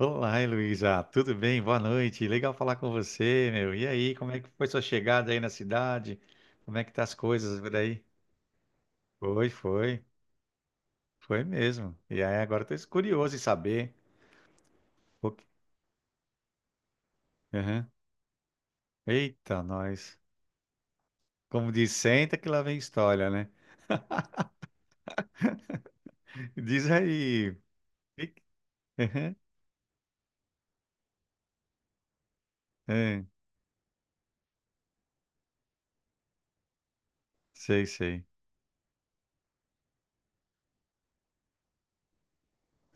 Olá, Heloísa, tudo bem? Boa noite. Legal falar com você, meu. E aí, como é que foi sua chegada aí na cidade? Como é que tá as coisas por aí? Foi, foi, foi mesmo. E aí, agora eu tô curioso em saber. o que- Aham. Eita, nós. Como diz, senta que lá vem história, né? Diz aí. Fique- Aham. É, sei, sei.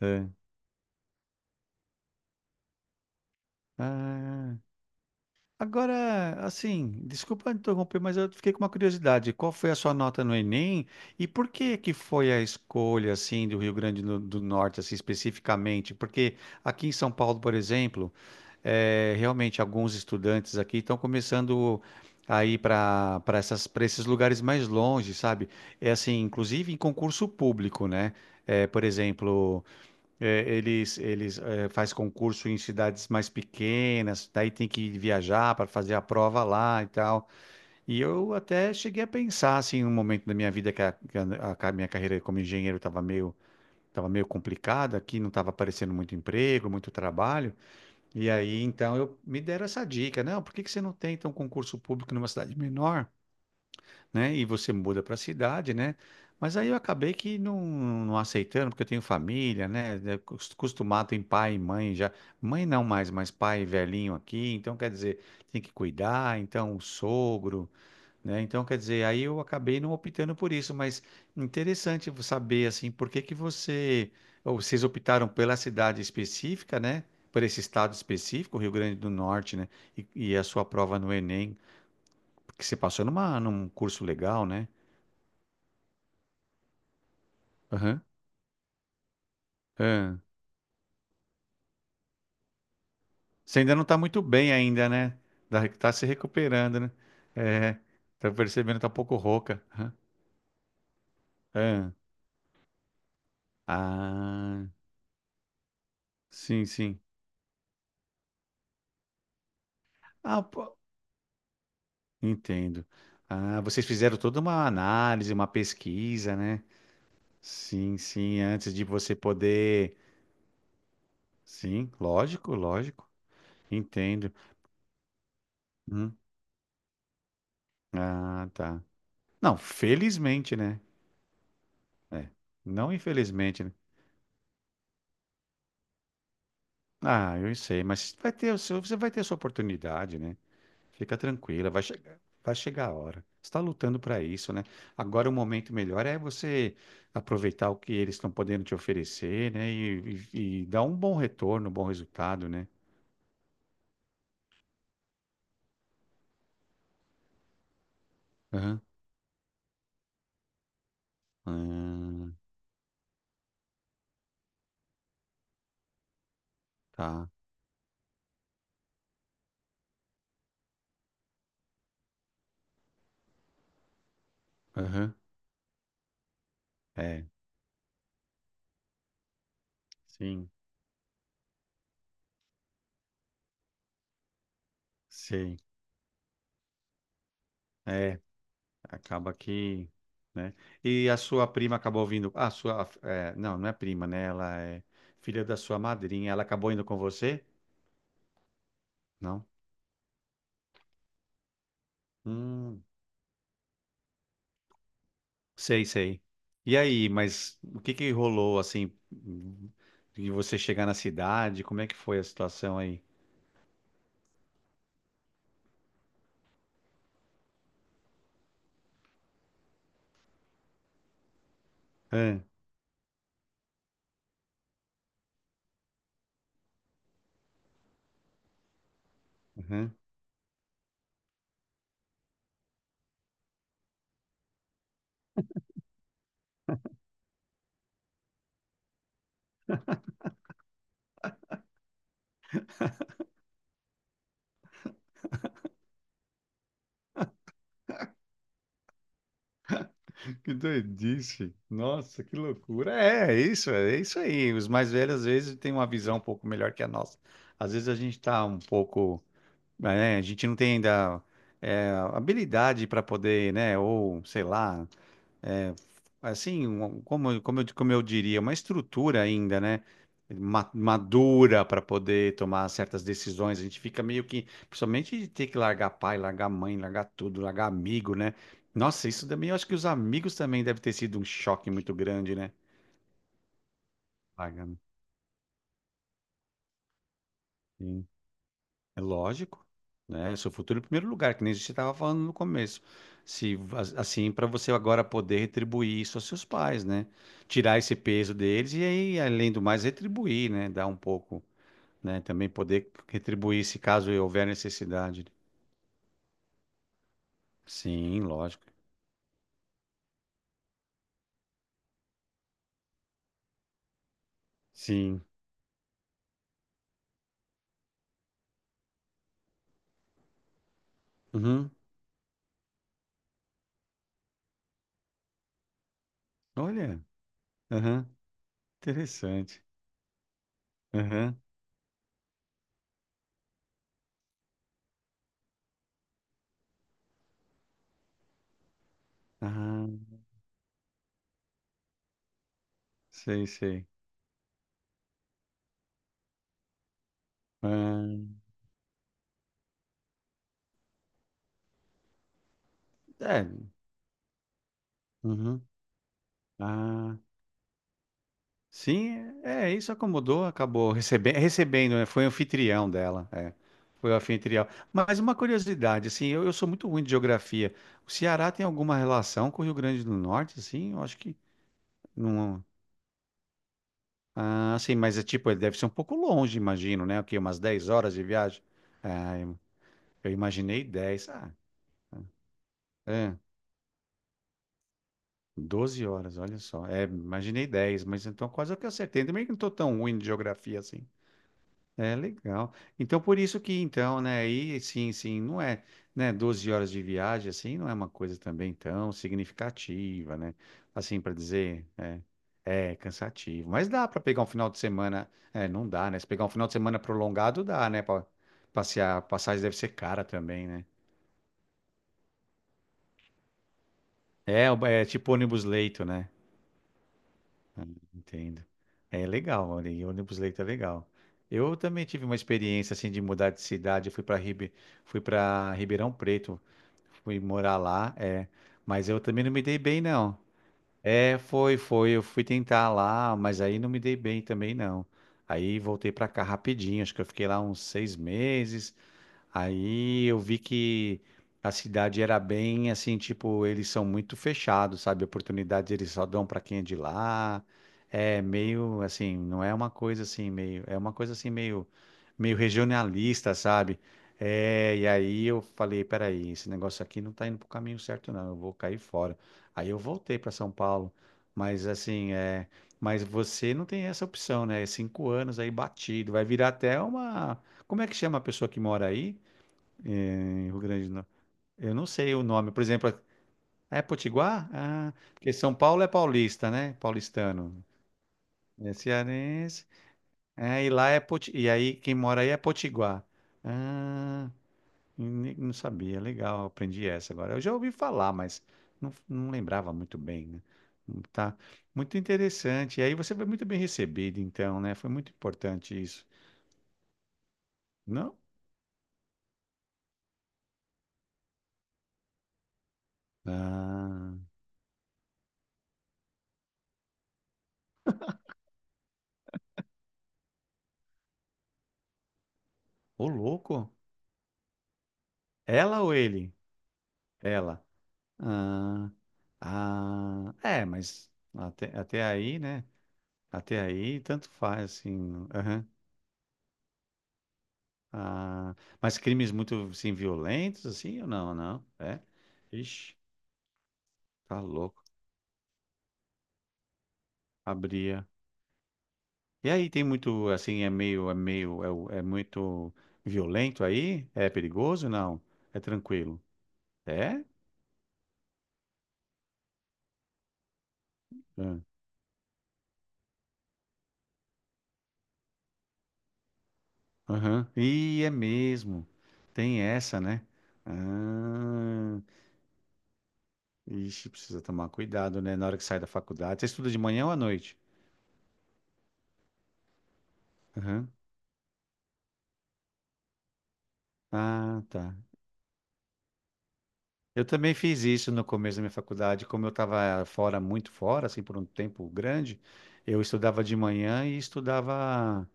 É. Ah. Agora, assim, desculpa interromper, mas eu fiquei com uma curiosidade. Qual foi a sua nota no Enem e por que que foi a escolha, assim, do Rio Grande do Norte, assim, especificamente? Porque aqui em São Paulo, por exemplo, realmente alguns estudantes aqui estão começando a ir para essas, para esses lugares mais longe, sabe? É assim, inclusive em concurso público, né? Por exemplo. É, eles faz concurso em cidades mais pequenas, daí tem que viajar para fazer a prova lá e tal. E eu até cheguei a pensar assim, em um momento da minha vida que a ca- minha carreira como engenheiro estava meio complicada, aqui não estava aparecendo muito emprego, muito trabalho. E aí então eu me deram essa dica, não, por que que você não tenta um concurso público numa cidade menor, né? E você muda para a cidade, né? Mas aí eu acabei que não aceitando, porque eu tenho família, Acostumado em pai e mãe já. Mãe não mais, mas pai velhinho aqui. Então, quer dizer, tem que cuidar. Então, o sogro, né? Então, quer dizer, aí eu acabei não optando por isso. Mas interessante saber, assim, por que que você... Ou vocês optaram pela cidade específica, né? Por esse estado específico, Rio Grande do Norte, né? E a sua prova no Enem, porque você passou numa, num curso legal, né? Aham. Ah. Você ainda não tá muito bem ainda, né? Tá se recuperando, né? É, tá percebendo, tá um pouco rouca. Aham. Ah, Ah, sim, sim. Ah, pô, entendo. Ah, vocês fizeram toda uma análise, uma pesquisa, né? Sim, sim, antes de você poder. Sim, lógico, lógico. Entendo. Hum. Ah, tá. Não, felizmente, né? É. Não infelizmente, né? Ah, eu sei, mas vai ter o seu, você vai ter a sua oportunidade, né? Fica tranquila, vai chegar a hora. Você está lutando para isso, né? Agora o momento melhor é você aproveitar o que eles estão podendo te oferecer, né? E dar um bom retorno, um bom resultado, né? Aham. Ah, tá. Aham. É, sim, sei. É, acaba que, né? E a sua prima acabou vindo. A sua, é, não, não é prima, né? Ela é filha da sua madrinha. Ela acabou indo com você? Não? Hum, sei, sei. E aí, mas o que que rolou assim, de você chegar na cidade? Como é que foi a situação aí? Hã? Aham. Que doidice! Nossa, que loucura! É, é isso aí. Os mais velhos às vezes têm uma visão um pouco melhor que a nossa. Às vezes a gente tá um pouco, né, a gente não tem ainda é, habilidade para poder, né? Ou sei lá, assim, como, como eu diria, uma estrutura ainda, né? Madura para poder tomar certas decisões. A gente fica meio que, principalmente de ter que largar pai, largar mãe, largar tudo, largar amigo, né? Nossa, isso também, eu acho que os amigos também deve ter sido um choque muito grande, né? Largando. É lógico, né? É seu futuro em primeiro lugar, que nem a gente estava falando no começo. Se as- Assim, para você agora poder retribuir isso aos seus pais, né? Tirar esse peso deles e aí, além do mais, retribuir, né? Dar um pouco, né? Também poder retribuir se caso houver necessidade. Sim, lógico. Sim. Uhum. Olha. Uhum. Interessante. Uhum. Ah, sei, sei. Ah, é. Uhum. Ah. Sim, é, isso acomodou, acabou recebendo, né? Foi anfitrião dela, é. Foi o anfitrião. Mas uma curiosidade, assim, eu sou muito ruim de geografia. O Ceará tem alguma relação com o Rio Grande do Norte, assim? Eu acho que não. Ah, sim, mas é tipo, ele deve ser um pouco longe, imagino, né? O quê? Umas 10 horas de viagem? Ah, eu imaginei dez. Ah, é, 12 horas, olha só. É, imaginei 10 mas então quase que eu acertei. Também que não estou tão ruim de geografia assim. É legal. Então, por isso que, então, né, aí, sim, sim, não é, né, 12 horas de viagem, assim, não é uma coisa também tão significativa, né? Assim, para dizer, é, é cansativo. Mas dá para pegar um final de semana, é, não dá, né? Se pegar um final de semana prolongado, dá, né? Para passear, passagem deve ser cara também, né? É, é tipo ônibus leito, né? Entendo. É legal, olha, e ônibus leito é legal. Eu também tive uma experiência, assim, de mudar de cidade, eu fui para Ribe... Fui para Ribeirão Preto. Fui morar lá, é. Mas eu também não me dei bem, não. É, foi, foi. Eu fui tentar lá, mas aí não me dei bem também, não. Aí voltei pra cá rapidinho. Acho que eu fiquei lá uns seis meses. Aí eu vi que a cidade era bem assim, tipo, eles são muito fechados, sabe? Oportunidades eles só dão para quem é de lá. É meio assim, não é uma coisa assim meio, é uma coisa assim meio regionalista, sabe? É, e aí eu falei, peraí, esse negócio aqui não tá indo pro caminho certo, não. Eu vou cair fora. Aí eu voltei para São Paulo, mas assim, é, mas você não tem essa opção, né? Cinco anos aí batido, vai virar até uma, como é que chama a pessoa que mora aí? Em Rio Grande do Norte. Eu não sei o nome. Por exemplo, é Potiguar? Ah, porque São Paulo é paulista, né? Paulistano. É cearense. É, e lá é Poti... E aí, quem mora aí é Potiguar. Ah, não sabia. Legal, aprendi essa agora. Eu já ouvi falar, mas não, não lembrava muito bem, né? Tá. Muito interessante. E aí você foi muito bem recebido, então, né? Foi muito importante isso. Não? Ah, ô louco. Ela ou ele? Ela. Ah. Ah, é, mas até aí, né? Até aí, tanto faz, assim. Aham. Ah, mas crimes muito, assim, violentos, assim, ou não, não? É? Ixi, tá louco. Abria. E aí, tem muito, assim, é meio, é muito violento aí? É perigoso? Não. É tranquilo. É? Ah, aham. E é mesmo. Tem essa, né? Ah. Ixi, precisa tomar cuidado, né? Na hora que sai da faculdade. Você estuda de manhã ou à noite? Aham. Ah, tá. Eu também fiz isso no começo da minha faculdade. Como eu estava fora, muito fora, assim, por um tempo grande, eu estudava de manhã e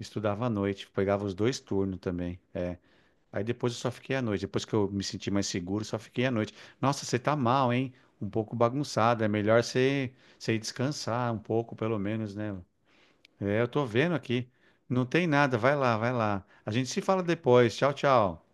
estudava à noite. Pegava os dois turnos também. É. Aí depois eu só fiquei à noite. Depois que eu me senti mais seguro, só fiquei à noite. Nossa, você tá mal, hein? Um pouco bagunçado. É melhor você, você ir descansar um pouco, pelo menos, né? É, eu tô vendo aqui. Não tem nada. Vai lá, vai lá. A gente se fala depois. Tchau, tchau.